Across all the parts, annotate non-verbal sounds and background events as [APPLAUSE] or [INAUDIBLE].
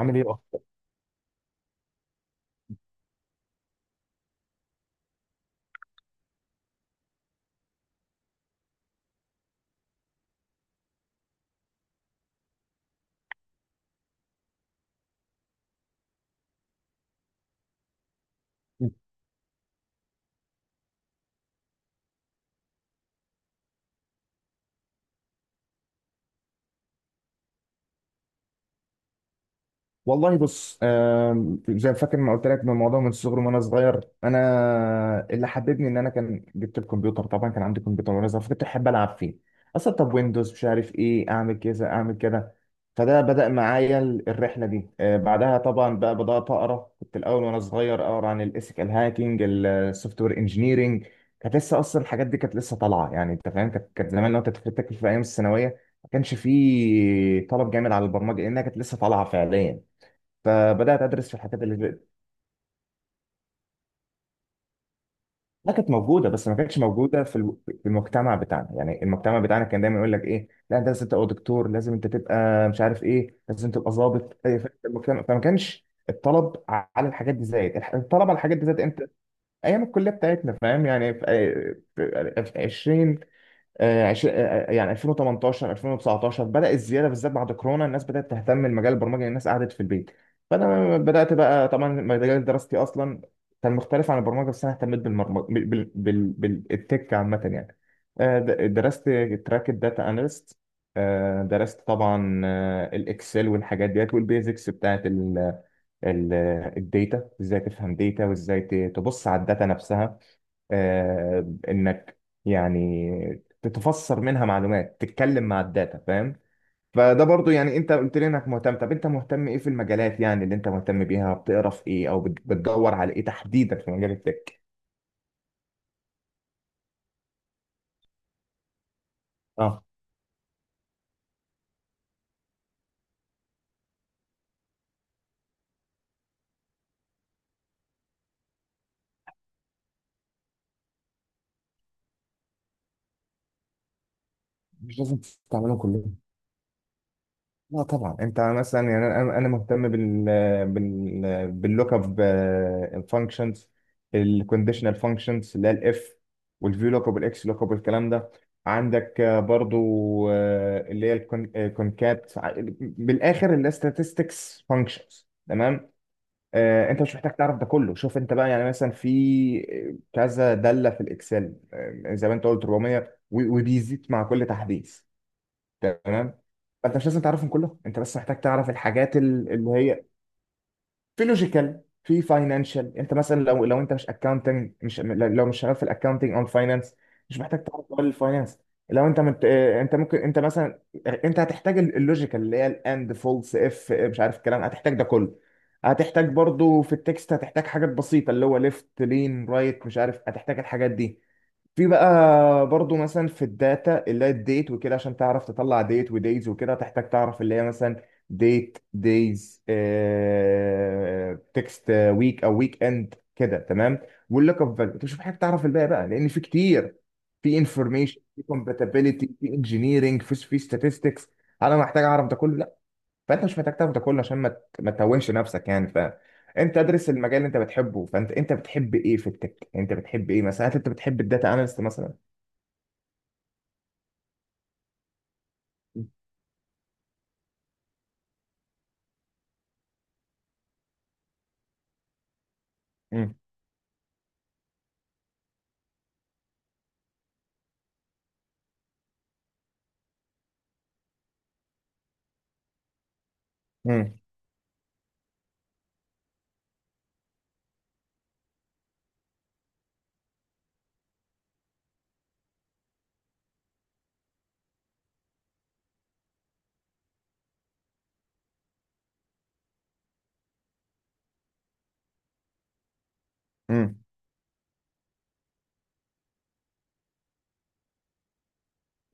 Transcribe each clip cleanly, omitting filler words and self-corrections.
عامل ايه اكتر. والله بص، زي فاكر ما قلت لك، من الموضوع من الصغر. وانا صغير انا اللي حببني ان انا كان جبت الكمبيوتر. طبعا كان عندي كمبيوتر وانا صغير، فكنت احب العب فيه اصلا. طب ويندوز مش عارف ايه، اعمل كذا اعمل كده. فده بدأ معايا الرحله دي. بعدها طبعا بقى بدأت اقرا، كنت الاول وانا صغير اقرا عن الايثيكال هاكينج، السوفت وير انجينيرنج. كانت لسه اصلا الحاجات دي كانت لسه طالعه، يعني انت فاهم كانت زمان لو انت تفتكر في ايام الثانويه ما كانش فيه طلب جامد على البرمجه لانها كانت لسه طالعه فعليا، فبدات ادرس في الحاجات اللي ما كانت موجوده. بس ما كانتش موجوده في في المجتمع بتاعنا. يعني المجتمع بتاعنا كان دايما يقول لك ايه، لا انت لازم تبقى دكتور، لازم انت تبقى مش عارف ايه، لازم تبقى ضابط، المجتمع، فما كانش الطلب على الحاجات دي زايد، الطلب على الحاجات دي زايد امتى؟ ايام الكليه بتاعتنا فاهم، يعني في 20، آه، عش- آه، يعني 2018 2019 بدأ الزيادة، بالذات بعد كورونا الناس بدأت تهتم بمجال البرمجة، لأن الناس قعدت في البيت. فأنا بدأت بقى، طبعا مجال دراستي أصلا كان مختلف عن البرمجة، بس أنا اهتميت بالبرمجة بالتك عامة يعني. درست تراك الداتا أناليست، درست طبعا الإكسل والحاجات ديت والبيزكس بتاعت ال- الداتا، ازاي تفهم داتا وازاي تبص على الداتا نفسها، انك يعني تتفسر منها معلومات، تتكلم مع الداتا، فاهم؟ فده برضو يعني انت قلت لي انك مهتم، طب انت مهتم ايه في المجالات، يعني اللي انت مهتم بيها بتقرا في ايه او بتدور على ايه تحديدا في مجال التك؟ اه. مش لازم تستعملهم كلهم. لا طبعا، انت مثلا يعني انا، انا مهتم بال باللوك اب فانكشنز، الكونديشنال فانكشنز اللي هي الاف، والفيو لوك اب والاكس لوك اب والكلام ده. عندك برضو اللي هي الكونكات، بالاخر اللي هي statistics فانكشنز، تمام؟ انت مش محتاج تعرف ده كله، شوف انت بقى يعني، مثلا في كذا داله في الاكسل، زي ما انت قلت 400، وبيزيد مع كل تحديث. تمام؟ فانت مش لازم تعرفهم كلهم، انت بس محتاج تعرف الحاجات اللي هي في لوجيكال، في فاينانشال. انت مثلا لو انت مش اكاونتنج، مش لو مش شغال في الاكاونتنج او الفاينانس مش محتاج تعرف كل الفاينانس. لو انت مت... اه، انت ممكن، انت مثلا انت هتحتاج اللوجيكال اللي هي الاند، فولس، اف، مش عارف الكلام، هتحتاج ده كله. هتحتاج برضو في التكست هتحتاج حاجات بسيطة، اللي هو ليفت، لين، رايت، مش عارف، هتحتاج الحاجات دي. في بقى برضو مثلا في الداتا اللي هي الديت وكده، عشان تعرف تطلع ديت ودايز وكده تحتاج تعرف اللي هي مثلا ديت، دايز، تكست، ويك او ويك اند كده، تمام؟ واللوك اب فاليو. انت مش محتاج تعرف الباقي بقى لان في كتير، في انفورميشن، في كومباتيبيليتي، في انجينيرنج، في ستاتستكس. انا محتاج اعرف ده كله؟ لا. فانت مش محتاج تعرف ده كله، عشان ما تتوهش نفسك يعني. فانت ادرس المجال اللي انت بتحبه. فانت انت بتحب ايه في التك؟ انت بتحب ايه مثلا، هل انت بتحب الداتا اناليست مثلا؟ امم امم امم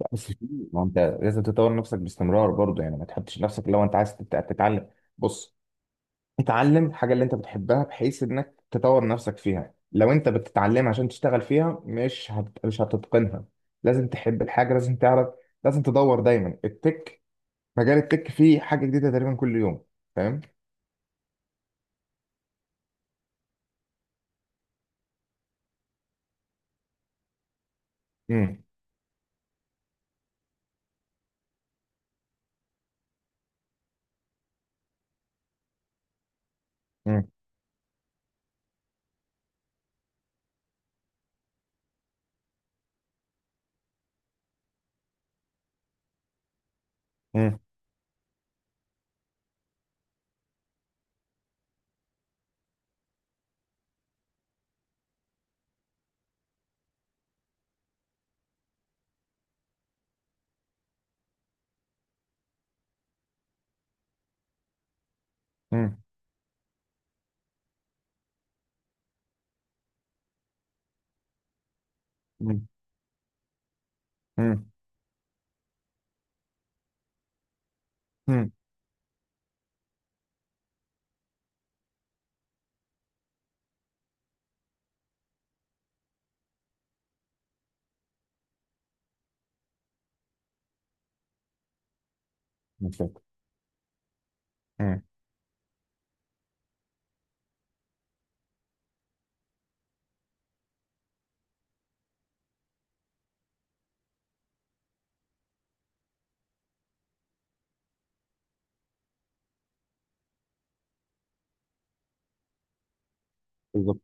لا بس في، ما انت لازم تطور نفسك باستمرار برضه يعني، ما تحطش نفسك. لو انت عايز تتعلم، بص، اتعلم الحاجه اللي انت بتحبها، بحيث انك تطور نفسك فيها. لو انت بتتعلم عشان تشتغل فيها، مش هتتقنها. لازم تحب الحاجه، لازم تعرف، لازم تدور دايما. التك، مجال التك فيه حاجه جديده تقريبا كل يوم، فاهم؟ امم امم امم امم امم امم امم بالظبط. امم بالظبط.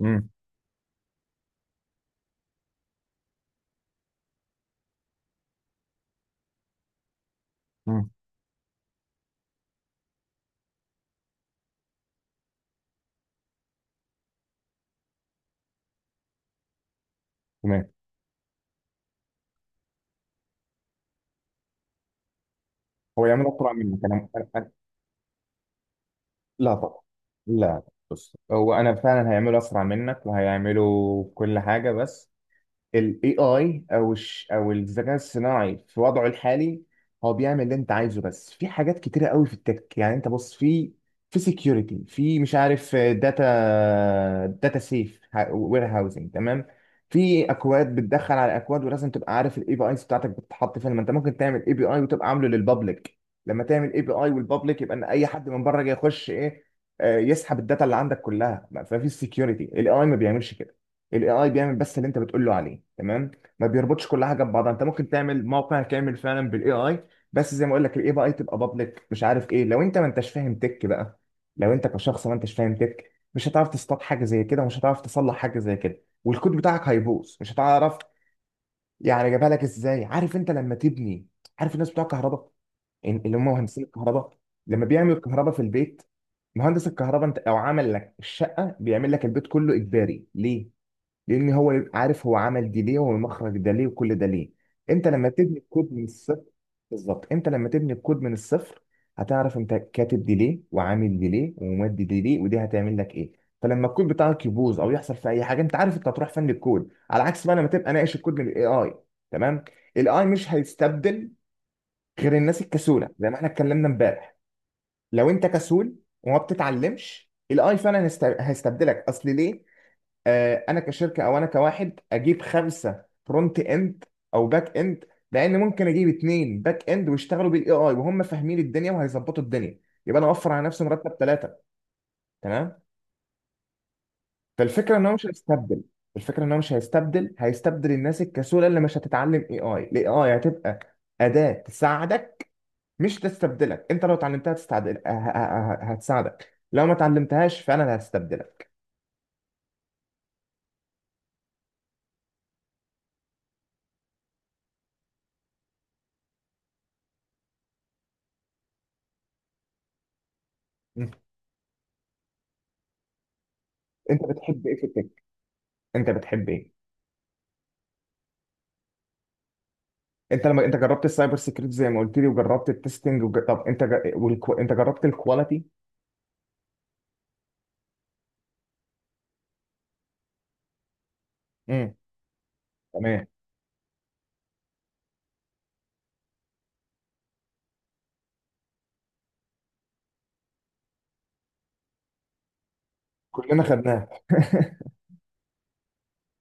امم امم تمام. هو يعمل اسرع منك؟ لا طبعا، لا. بص هو انا فعلا هيعمله اسرع منك وهيعمله كل حاجه، بس ال AI او الش او الذكاء الصناعي في وضعه الحالي هو بيعمل اللي انت عايزه. بس في حاجات كتيره قوي في التك يعني، انت بص في، في سكيورتي، في مش عارف داتا، داتا سيف وير هاوسنج، تمام؟ في اكواد بتدخل على اكواد، ولازم تبقى عارف الاي بي ايز بتاعتك بتتحط فين. ما انت ممكن تعمل اي بي اي وتبقى عامله للبابليك، لما تعمل اي بي اي والبابليك يبقى ان اي حد من بره جاي يخش، ايه، يسحب الداتا اللي عندك كلها. ففي السكيورتي الاي ما بيعملش كده. الاي اي بيعمل بس اللي انت بتقول له عليه، تمام؟ ما بيربطش كل حاجه ببعضها. انت ممكن تعمل موقع كامل فعلا بالاي اي، بس زي ما اقول لك الاي اي تبقى بابليك مش عارف ايه. لو انت ما انتش فاهم تك بقى، لو انت كشخص ما انتش فاهم تك مش هتعرف تصطاد حاجه زي كده، ومش هتعرف تصلح حاجه زي كده، والكود بتاعك هيبوظ مش هتعرف يعني جابها لك ازاي. عارف انت لما تبني، عارف الناس بتوع كهرباء اللي هم مهندسين الكهرباء، لما بيعملوا الكهرباء في البيت، مهندس الكهرباء انت او عمل لك الشقه بيعمل لك البيت كله اجباري، ليه؟ لان هو يبقى عارف هو عمل دي ليه، والمخرج ده ليه، وكل ده ليه. انت لما تبني الكود من الصفر، بالظبط انت لما تبني الكود من الصفر هتعرف انت كاتب دي ليه، وعامل دي ليه، ومودي دي ليه، ودي هتعمل لك ايه. فلما الكود بتاعك يبوظ او يحصل في اي حاجه، انت عارف انت هتروح فن الكود، على عكس بقى لما تبقى ناقش الكود من الاي اي، تمام؟ الاي مش هيستبدل غير الناس الكسوله، زي ما احنا اتكلمنا امبارح. لو انت كسول وما بتتعلمش الاي فعلا هيستبدلك. اصل ليه، انا كشركه او انا كواحد اجيب خمسه فرونت اند او باك اند، لان ممكن اجيب اتنين باك اند ويشتغلوا بالاي اي وهم فاهمين الدنيا وهيظبطوا الدنيا، يبقى انا اوفر على نفسي مرتب ثلاثه. تمام؟ فالفكره ان هو مش هيستبدل، الفكره ان هو مش هيستبدل، هيستبدل الناس الكسوله اللي مش هتتعلم اي اي. الاي اي هتبقى اداه تساعدك مش تستبدلك. انت لو اتعلمتها تستعدل هتساعدك، لو ما اتعلمتهاش فانا اللي هستبدلك. انت بتحب ايه في التك؟ انت بتحب ايه؟ انت لما انت جربت السايبر سيكيورتي زي ما قلت لي، وجربت التستنج طب انت انت جربت الكواليتي؟ امم تمام. كلنا خدناه [LAUGHS]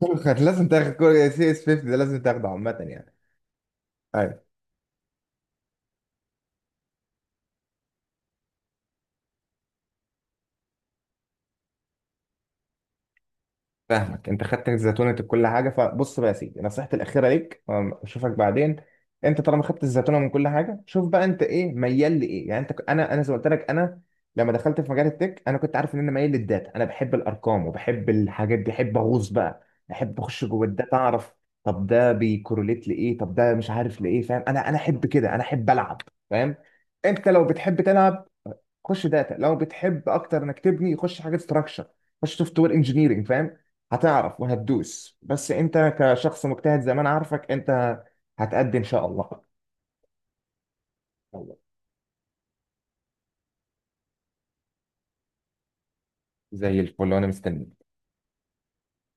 لازم تاخد. سي اس 50 ده لازم تاخده عامه يعني، ايوه. فاهمك، انت خدت الزيتونه كل حاجه. فبص بقى يا سيدي، نصيحتي الاخيره ليك، اشوفك بعدين. انت طالما خدت الزيتونه من كل حاجه، شوف بقى انت ايه ميال لايه. يعني انت انا، انا زي ما قلت لك، انا لما دخلت في مجال التك انا كنت عارف ان انا ميال للداتا. انا بحب الارقام وبحب الحاجات دي، احب اغوص بقى، احب اخش جوه الداتا، اعرف طب ده بيكورليت لايه، طب ده مش عارف لايه، فاهم؟ انا انا احب كده، انا احب العب، فاهم؟ انت لو بتحب تلعب خش داتا، لو بتحب اكتر انك تبني خش حاجه ستراكشر، خش سوفت وير انجينيرنج، فاهم؟ هتعرف وهتدوس، بس انت كشخص مجتهد زي ما انا عارفك، انت هتأدي ان شاء الله. والله زي الفل، وانا مستني.